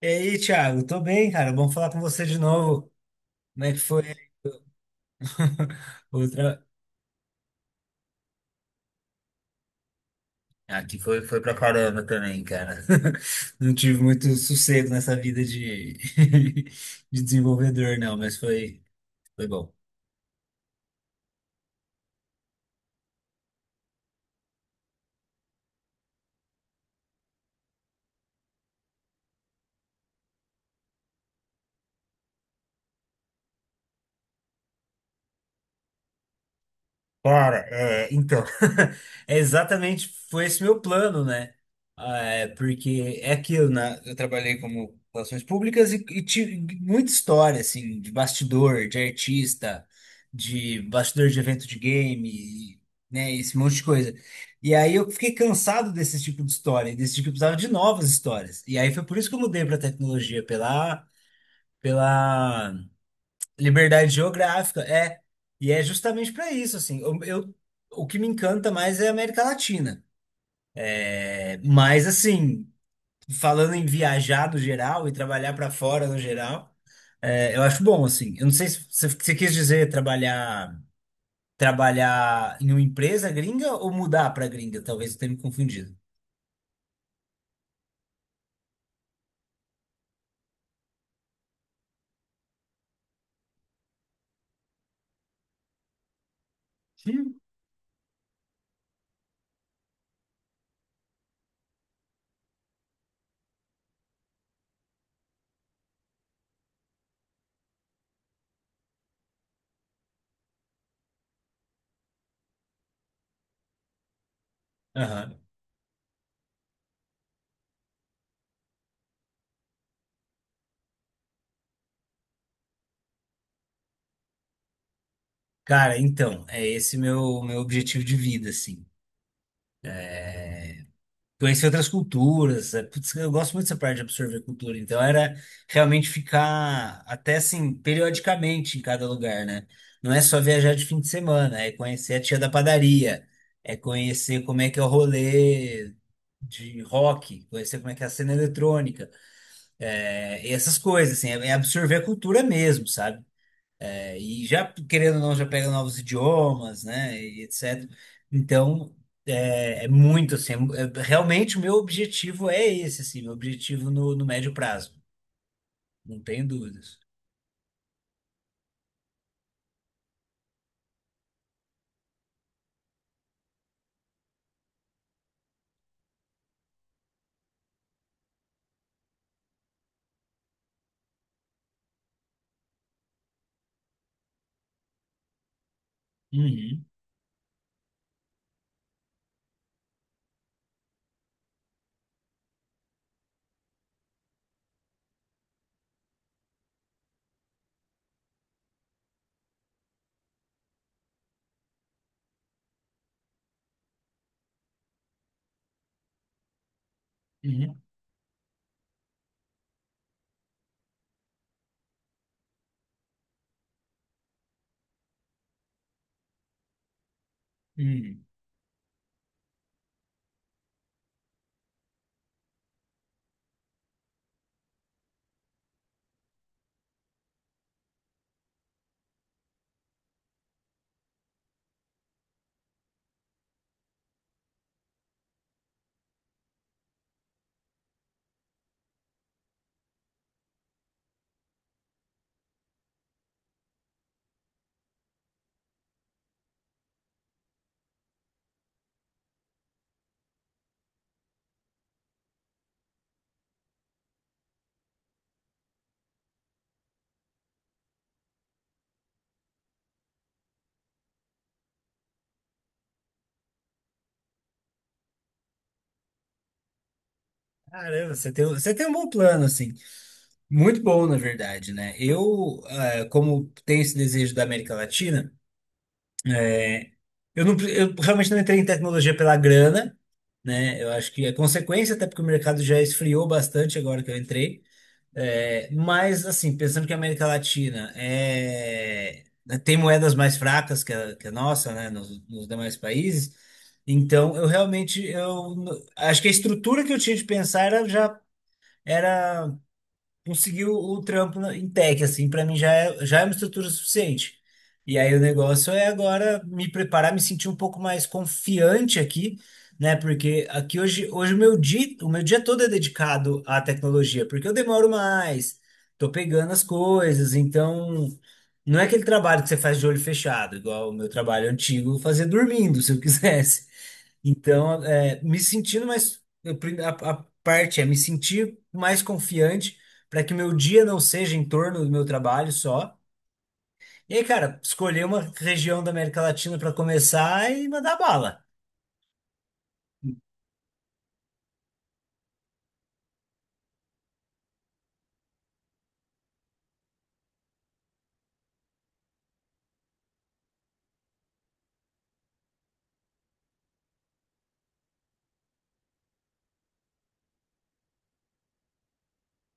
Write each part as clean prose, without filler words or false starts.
E aí, Thiago, tô bem, cara. Bom falar com você de novo. Como é que foi? Outra... Aqui foi, foi pra caramba também, cara. Não tive muito sossego nessa vida de, de desenvolvedor, não, mas foi, foi bom. Cara, é, então, é exatamente foi esse meu plano, né? Ah, é, porque é aquilo, né? Eu trabalhei como relações públicas e tive muita história, assim, de bastidor, de artista, de bastidor de evento de game, né? Esse monte de coisa. E aí eu fiquei cansado desse tipo de história, e desse tipo, eu precisava de novas histórias. E aí foi por isso que eu mudei para tecnologia, pela liberdade geográfica, é. E é justamente para isso, assim. O que me encanta mais é a América Latina. É, mas, assim, falando em viajar no geral e trabalhar para fora no geral, é, eu acho bom, assim. Eu não sei se você quis dizer trabalhar, trabalhar em uma empresa gringa ou mudar para gringa, talvez eu tenha me confundido. Hum. Aham. Cara, então, é esse meu objetivo de vida, assim. É, conhecer outras culturas. É, putz, eu gosto muito dessa parte de absorver cultura. Então era realmente ficar até assim, periodicamente em cada lugar, né? Não é só viajar de fim de semana, é conhecer a tia da padaria, é conhecer como é que é o rolê de rock, conhecer como é que é a cena eletrônica, é, e essas coisas, assim, é é absorver a cultura mesmo, sabe? É, e já, querendo ou não, já pega novos idiomas, né? E etc. Então, é, é muito assim. Realmente, o meu objetivo é esse, assim, meu objetivo no, no médio prazo. Não tenho dúvidas. Uhum, uhum, uhum. Caramba, você tem um bom plano, assim. Muito bom, na verdade, né? Eu, é, como tenho esse desejo da América Latina, eu, não, eu realmente não entrei em tecnologia pela grana, né? Eu acho que é consequência, até porque o mercado já esfriou bastante agora que eu entrei. É, mas, assim, pensando que a América Latina é, né, tem moedas mais fracas que a nossa, né, nos demais países, então eu realmente acho que a estrutura que eu tinha de pensar era já era conseguiu o trampo em tech, assim, pra mim já é uma estrutura suficiente. E aí o negócio é agora me preparar, me sentir um pouco mais confiante aqui, né? Porque aqui hoje, hoje o meu dia todo é dedicado à tecnologia, porque eu demoro mais, tô pegando as coisas, então não é aquele trabalho que você faz de olho fechado, igual o meu trabalho antigo, eu fazia dormindo, se eu quisesse. Então, é, me sentindo mais. A parte é me sentir mais confiante para que o meu dia não seja em torno do meu trabalho só. E aí, cara, escolher uma região da América Latina para começar e mandar bala.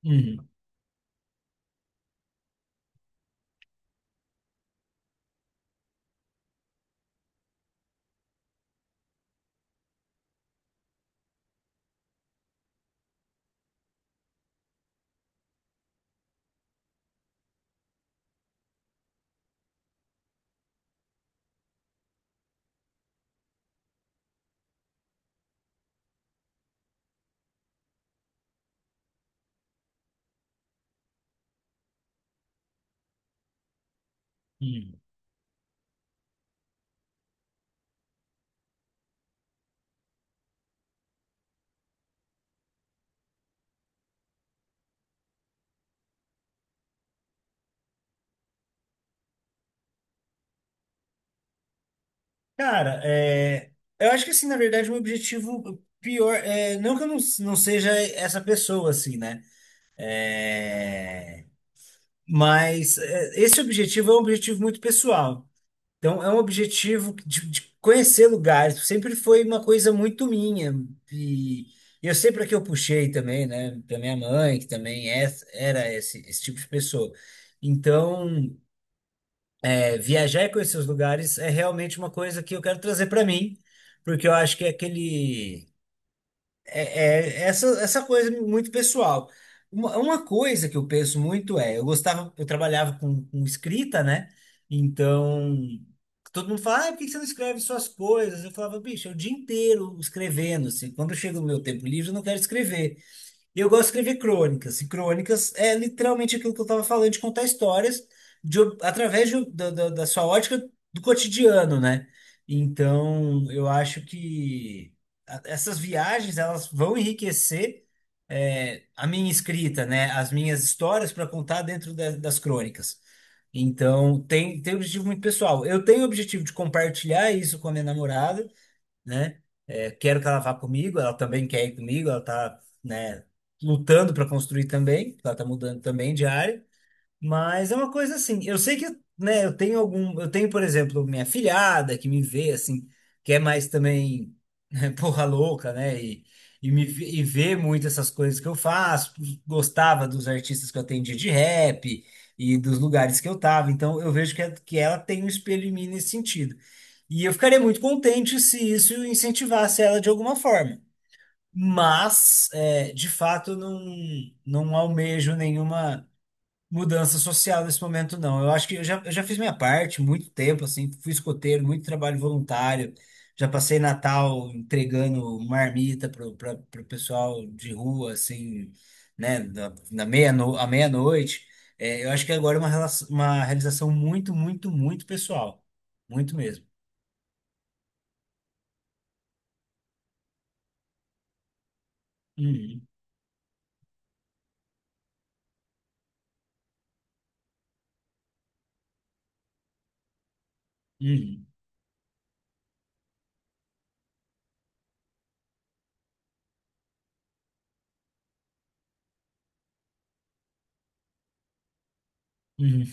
Uhum, uhum. Cara, é, eu acho que assim, na verdade, o meu objetivo pior é não que eu não, não seja essa pessoa, assim, né? É, mas é, esse objetivo é um objetivo muito pessoal. Então, é um objetivo de conhecer lugares. Sempre foi uma coisa muito minha. E eu sei para que eu puxei também, né? Da minha mãe, que também é, era esse, esse tipo de pessoa. Então, é, viajar e conhecer os lugares é realmente uma coisa que eu quero trazer para mim, porque eu acho que é aquele é, é essa, essa coisa muito pessoal. Uma coisa que eu penso muito é, eu gostava, eu trabalhava com escrita, né? Então, todo mundo fala, ah, por que que você não escreve suas coisas? Eu falava, bicho, é o dia inteiro escrevendo, assim. Quando chega o meu tempo livre, eu não quero escrever. E eu gosto de escrever crônicas. E crônicas é literalmente aquilo que eu estava falando, de contar histórias de, através um, da, da sua ótica do cotidiano, né? Então, eu acho que essas viagens elas vão enriquecer é, a minha escrita, né? As minhas histórias para contar dentro das crônicas. Então, tem, tem um objetivo muito pessoal. Eu tenho o objetivo de compartilhar isso com a minha namorada, né? É, quero que ela vá comigo, ela também quer ir comigo, ela tá, né, lutando para construir também, ela tá mudando também de área. Mas é uma coisa assim, eu sei que, né, eu tenho algum, eu tenho, por exemplo, minha filhada que me vê assim, que é mais também né, porra louca, né, e, e vê muito essas coisas que eu faço, gostava dos artistas que eu atendia de rap e dos lugares que eu tava, então eu vejo que, é- que ela tem um espelho em mim nesse sentido. E eu ficaria muito contente se isso incentivasse ela de alguma forma. Mas, é, de fato, eu não, não almejo nenhuma mudança social nesse momento, não. Eu acho que eu já fiz minha parte muito tempo, assim, fui escoteiro, muito trabalho voluntário. Já passei Natal entregando marmita pro, pra, pro pessoal de rua, assim, né, na, na à meia-noite. É, eu acho que agora é uma, relação, uma realização muito, muito, muito pessoal. Muito mesmo. Uhum, uhum, uhum.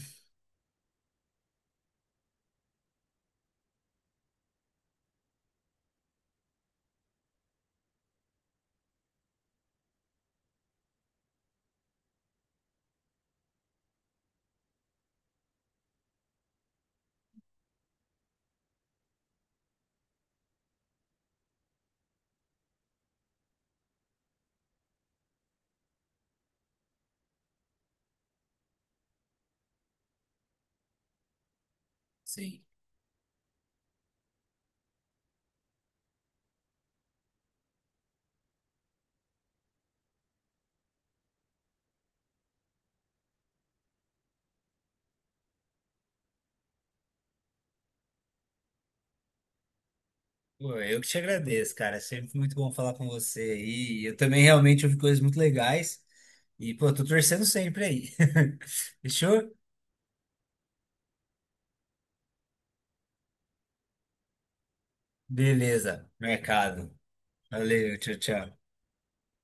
Sim. Pô, eu que te agradeço, cara. É sempre muito bom falar com você aí. E eu também realmente ouvi coisas muito legais. E, pô, tô torcendo sempre aí. Fechou? Beleza. Mercado. Valeu, tchau, tchau.